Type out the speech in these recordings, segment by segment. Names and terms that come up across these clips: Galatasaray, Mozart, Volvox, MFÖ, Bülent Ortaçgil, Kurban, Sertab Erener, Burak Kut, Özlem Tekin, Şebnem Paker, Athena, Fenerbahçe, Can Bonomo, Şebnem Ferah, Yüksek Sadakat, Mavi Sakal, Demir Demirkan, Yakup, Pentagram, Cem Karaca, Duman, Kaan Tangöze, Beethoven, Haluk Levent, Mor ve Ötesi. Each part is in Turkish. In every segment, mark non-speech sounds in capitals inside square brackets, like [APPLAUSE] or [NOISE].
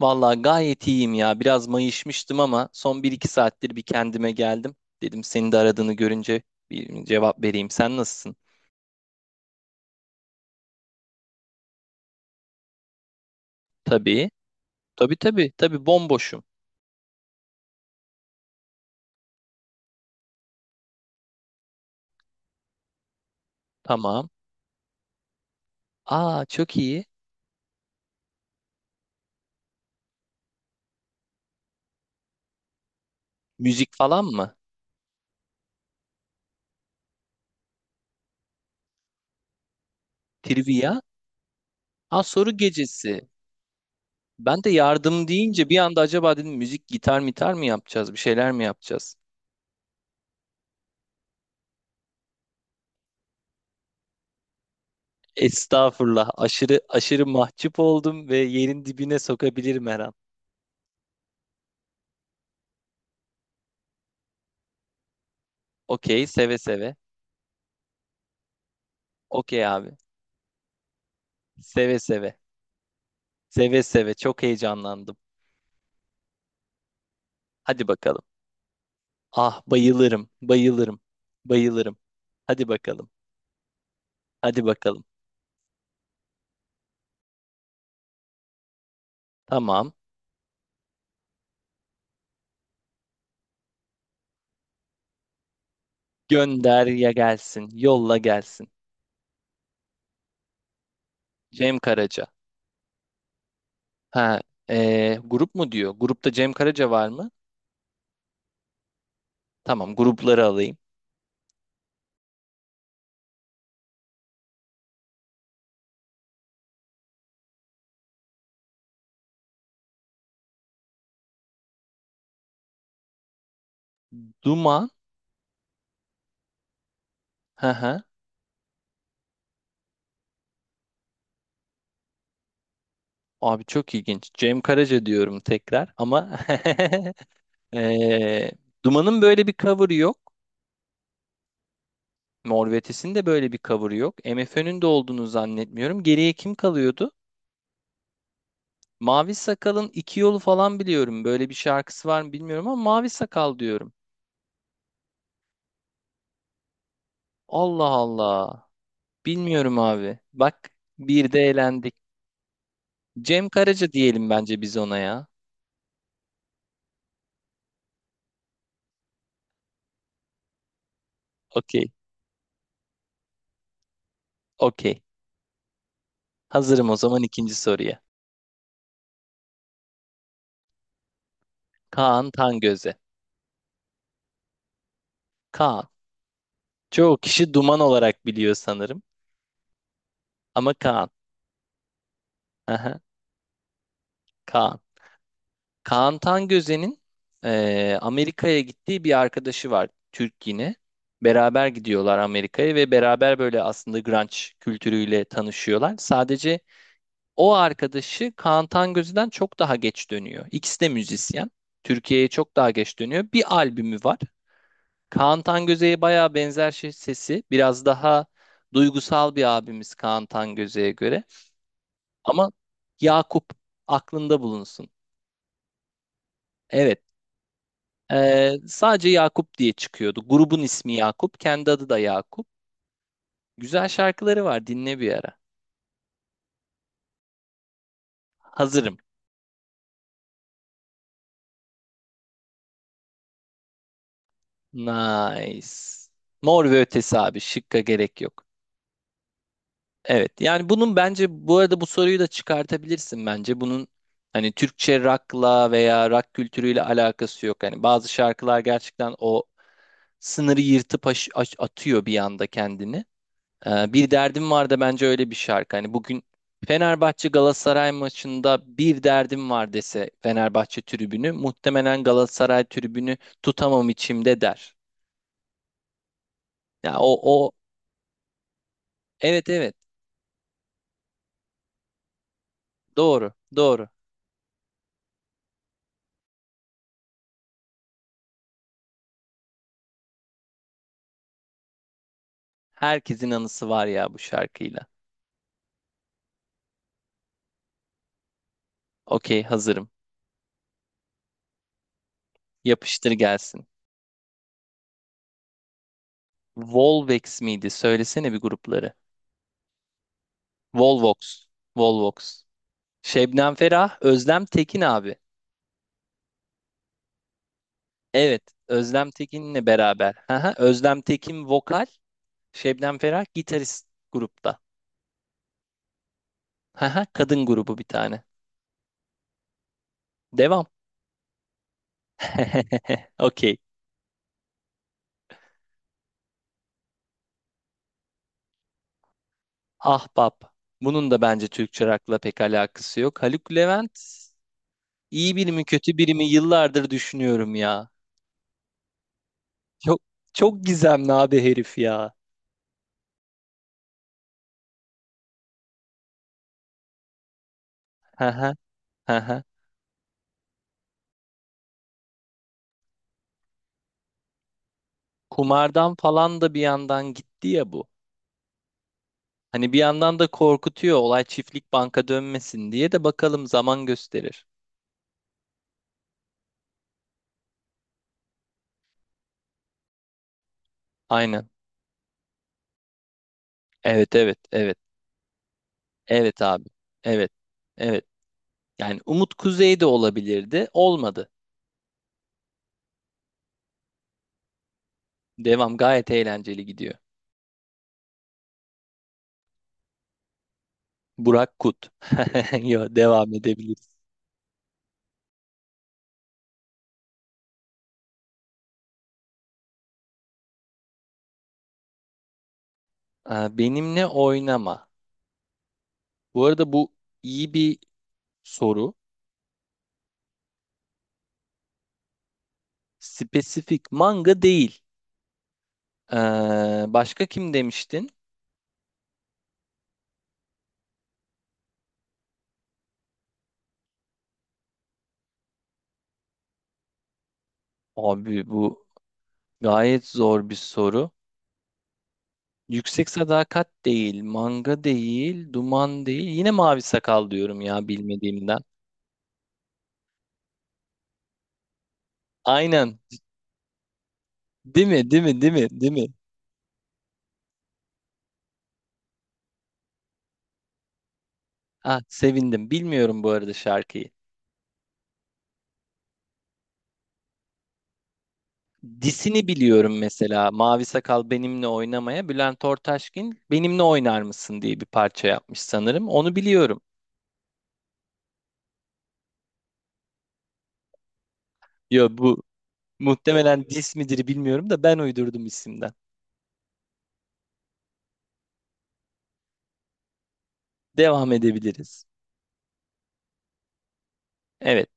Vallahi gayet iyiyim ya. Biraz mayışmıştım ama son bir iki saattir bir kendime geldim. Dedim senin de aradığını görünce bir cevap vereyim. Sen nasılsın? Tabii. Tabii. Tabii bomboşum. Tamam. Aa çok iyi. Müzik falan mı? Trivia? Aa soru gecesi. Ben de yardım deyince bir anda acaba dedim müzik gitar mitar mı yapacağız? Bir şeyler mi yapacağız? Estağfurullah. Aşırı aşırı mahcup oldum ve yerin dibine sokabilirim her an. Okey, seve seve. Okey abi. Seve seve. Seve seve çok heyecanlandım. Hadi bakalım. Ah bayılırım, bayılırım, bayılırım. Hadi bakalım, hadi bakalım. Tamam. Gönder ya gelsin, yolla gelsin. Cem Karaca. Ha, grup mu diyor? Grupta Cem Karaca var mı? Tamam, grupları alayım. Duman. Hı hı. Abi çok ilginç. Cem Karaca diyorum tekrar ama [LAUGHS] ee, Duman'ın böyle bir cover'ı yok. Mor ve Ötesi'nin de böyle bir cover'ı yok. MFÖ'nün de olduğunu zannetmiyorum. Geriye kim kalıyordu? Mavi Sakal'ın iki yolu falan biliyorum. Böyle bir şarkısı var mı bilmiyorum ama Mavi Sakal diyorum. Allah Allah. Bilmiyorum abi. Bak, bir de eğlendik. Cem Karaca diyelim bence biz ona ya. Okey. Okey. Hazırım o zaman ikinci soruya. Kaan Tangöze. Kaan. Çoğu kişi Duman olarak biliyor sanırım. Ama Kaan. Aha, Kaan. Kaan Tangöze'nin Amerika'ya gittiği bir arkadaşı var. Türk yine. Beraber gidiyorlar Amerika'ya ve beraber böyle aslında grunge kültürüyle tanışıyorlar. Sadece o arkadaşı Kaan Tangöze'den çok daha geç dönüyor. İkisi de müzisyen. Türkiye'ye çok daha geç dönüyor. Bir albümü var. Kaan Tangöze'ye bayağı benzer şey, sesi. Biraz daha duygusal bir abimiz Kaan Tangöze'ye göre. Ama Yakup aklında bulunsun. Evet. Sadece Yakup diye çıkıyordu. Grubun ismi Yakup. Kendi adı da Yakup. Güzel şarkıları var. Dinle bir ara. Hazırım. Nice. Mor ve Ötesi abi. Şıkka gerek yok. Evet. Yani bunun bence bu arada bu soruyu da çıkartabilirsin bence. Bunun hani Türkçe rock'la veya rock kültürüyle alakası yok. Hani bazı şarkılar gerçekten o sınırı yırtıp atıyor bir anda kendini. Bir derdim var da bence öyle bir şarkı. Hani bugün Fenerbahçe Galatasaray maçında bir derdim var dese Fenerbahçe tribünü muhtemelen Galatasaray tribünü tutamam içimde der. Ya o evet evet, doğru doğru. Herkesin anısı var ya bu şarkıyla. Okey, hazırım. Yapıştır gelsin. Volvox miydi? Söylesene bir grupları. Volvox. Volvox. Şebnem Ferah, Özlem Tekin abi. Evet, Özlem Tekin'le beraber. Haha, Özlem Tekin vokal, Şebnem Ferah gitarist grupta. Haha, kadın grubu bir tane. Devam. [LAUGHS] Okey. Ahbap. Bunun da bence Türkçe rock'la pek alakası yok. Haluk Levent iyi biri mi kötü biri mi yıllardır düşünüyorum ya. Çok çok gizemli abi herif ya. Haha, haha. Kumardan falan da bir yandan gitti ya bu. Hani bir yandan da korkutuyor olay çiftlik banka dönmesin diye de bakalım zaman gösterir. Aynen. Evet evet evet. Evet abi. Evet. Evet. Yani Umut Kuzey de olabilirdi. Olmadı. Devam gayet eğlenceli gidiyor. Burak Kut. [LAUGHS] Yo, devam edebiliriz. Aa, benimle oynama. Bu arada bu iyi bir soru. Spesifik manga değil. Ee, başka kim demiştin? Abi bu gayet zor bir soru. Yüksek Sadakat değil, manga değil, duman değil. Yine mavi sakal diyorum ya bilmediğimden. Aynen. Değil mi? Değil mi? Değil mi? Değil mi? Ah sevindim. Bilmiyorum bu arada şarkıyı. Disini biliyorum mesela. Mavi Sakal benimle oynamaya. Bülent Ortaçgil benimle oynar mısın diye bir parça yapmış sanırım. Onu biliyorum. Ya bu muhtemelen dis midir bilmiyorum da ben uydurdum isimden. Devam edebiliriz. Evet.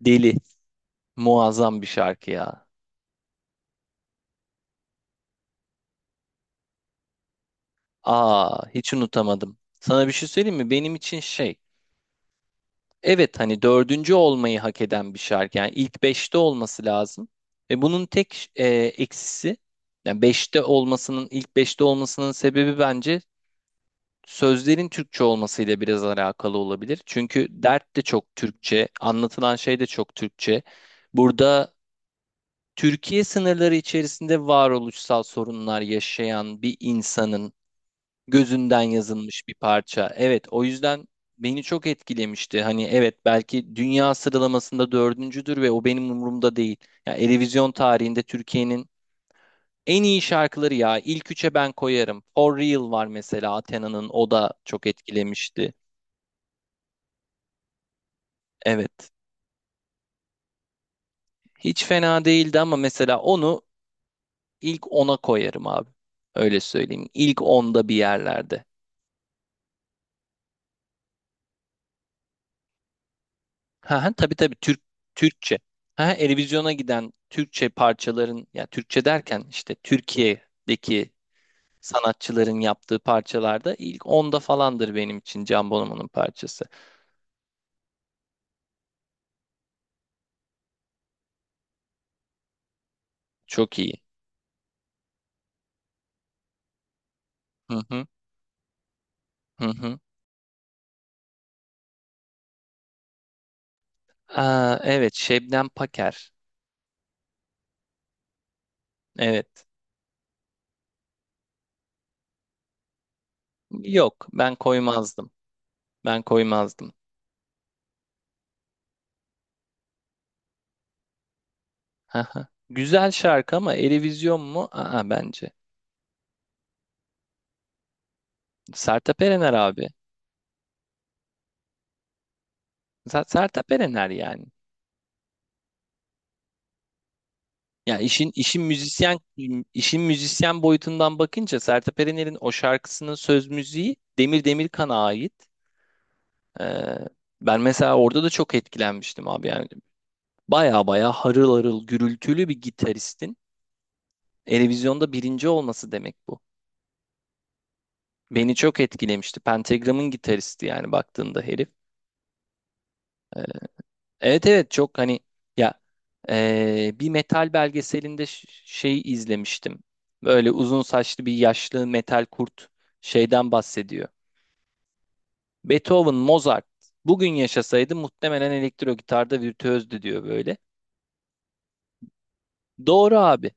Deli. Muazzam bir şarkı ya. Aa hiç unutamadım. Sana bir şey söyleyeyim mi? Benim için şey. Evet hani dördüncü olmayı hak eden bir şarkı. Yani ilk beşte olması lazım. Ve bunun tek eksisi yani beşte olmasının ilk beşte olmasının sebebi bence sözlerin Türkçe olmasıyla biraz alakalı olabilir. Çünkü dert de çok Türkçe, anlatılan şey de çok Türkçe. Burada Türkiye sınırları içerisinde varoluşsal sorunlar yaşayan bir insanın gözünden yazılmış bir parça. Evet, o yüzden beni çok etkilemişti. Hani evet belki dünya sıralamasında dördüncüdür ve o benim umurumda değil. Ya Eurovision tarihinde Türkiye'nin en iyi şarkıları ya ilk üçe ben koyarım. For Real var mesela Athena'nın, o da çok etkilemişti. Evet. Hiç fena değildi ama mesela onu ilk ona koyarım abi. Öyle söyleyeyim. İlk onda bir yerlerde. Ha, ha, tabii tabii Türk Türkçe. Ha, ha, Eurovision'a giden Türkçe parçaların ya Türkçe derken işte Türkiye'deki sanatçıların yaptığı parçalarda ilk onda falandır benim için Can Bonomo'nun parçası. Çok iyi. Hı hı, hı hı. Aa, evet Şebnem Paker. Evet. Yok ben koymazdım. Ben koymazdım. Ha, ha. Güzel şarkı ama Eurovision mu? Aa, bence. Sertab Erener abi. Sertab Erener yani. Yani işin müzisyen işin müzisyen boyutundan bakınca Sertab Erener'in o şarkısının söz müziği Demir Demirkan'a ait. Ee, ben mesela orada da çok etkilenmiştim abi yani baya baya harıl harıl gürültülü bir gitaristin Eurovision'da birinci olması demek bu. Beni çok etkilemişti. Pentagram'ın gitaristi yani baktığında herif. Ee, Evet evet çok hani ya bir metal belgeselinde şey izlemiştim. Böyle uzun saçlı bir yaşlı metal kurt şeyden bahsediyor. Beethoven, Mozart bugün yaşasaydı muhtemelen elektro gitarda virtüözdü diyor böyle. Doğru abi.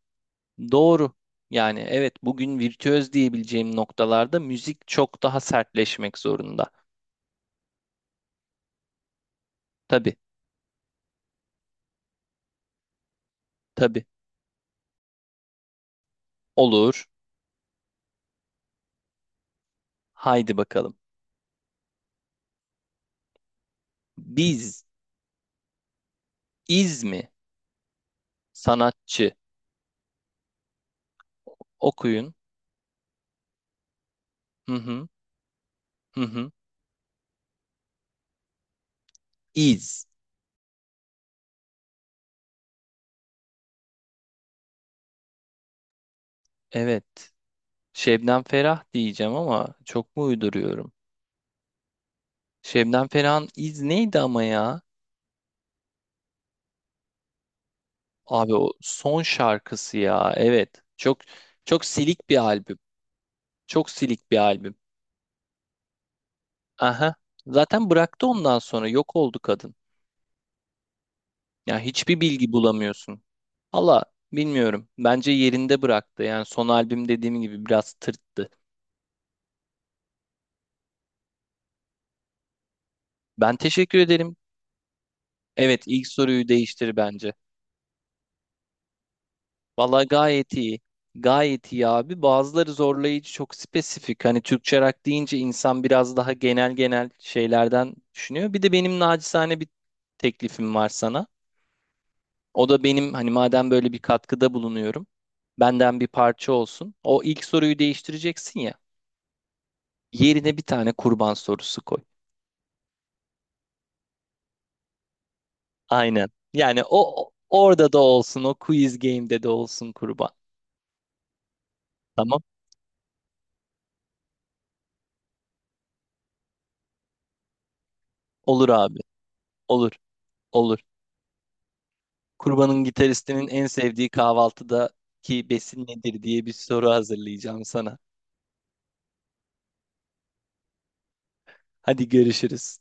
Doğru. Yani evet bugün virtüöz diyebileceğim noktalarda müzik çok daha sertleşmek zorunda. Tabii tabii olur. Haydi bakalım. Biz iz sanatçı okuyun. Hı hı. Hı hı. Is. Evet. Şebnem Ferah diyeceğim ama çok mu uyduruyorum? Şebnem Ferah'ın iz neydi ama ya? Abi o son şarkısı ya. Evet. Çok silik bir albüm. Çok silik bir albüm. Aha. Zaten bıraktı ondan sonra yok oldu kadın. Ya hiçbir bilgi bulamıyorsun. Allah bilmiyorum. Bence yerinde bıraktı. Yani son albüm dediğim gibi biraz tırttı. Ben teşekkür ederim. Evet ilk soruyu değiştir bence. Valla gayet iyi. Gayet iyi abi. Bazıları zorlayıcı, çok spesifik. Hani Türkçe rock deyince insan biraz daha genel genel şeylerden düşünüyor. Bir de benim nacizane bir teklifim var sana. O da benim hani madem böyle bir katkıda bulunuyorum, benden bir parça olsun. O ilk soruyu değiştireceksin ya. Yerine bir tane kurban sorusu koy. Aynen. Yani orada da olsun, o quiz game'de de olsun kurban. Tamam? Olur abi. Olur. Olur. Kurban'ın gitaristinin en sevdiği kahvaltıdaki besin nedir diye bir soru hazırlayacağım sana. Hadi görüşürüz.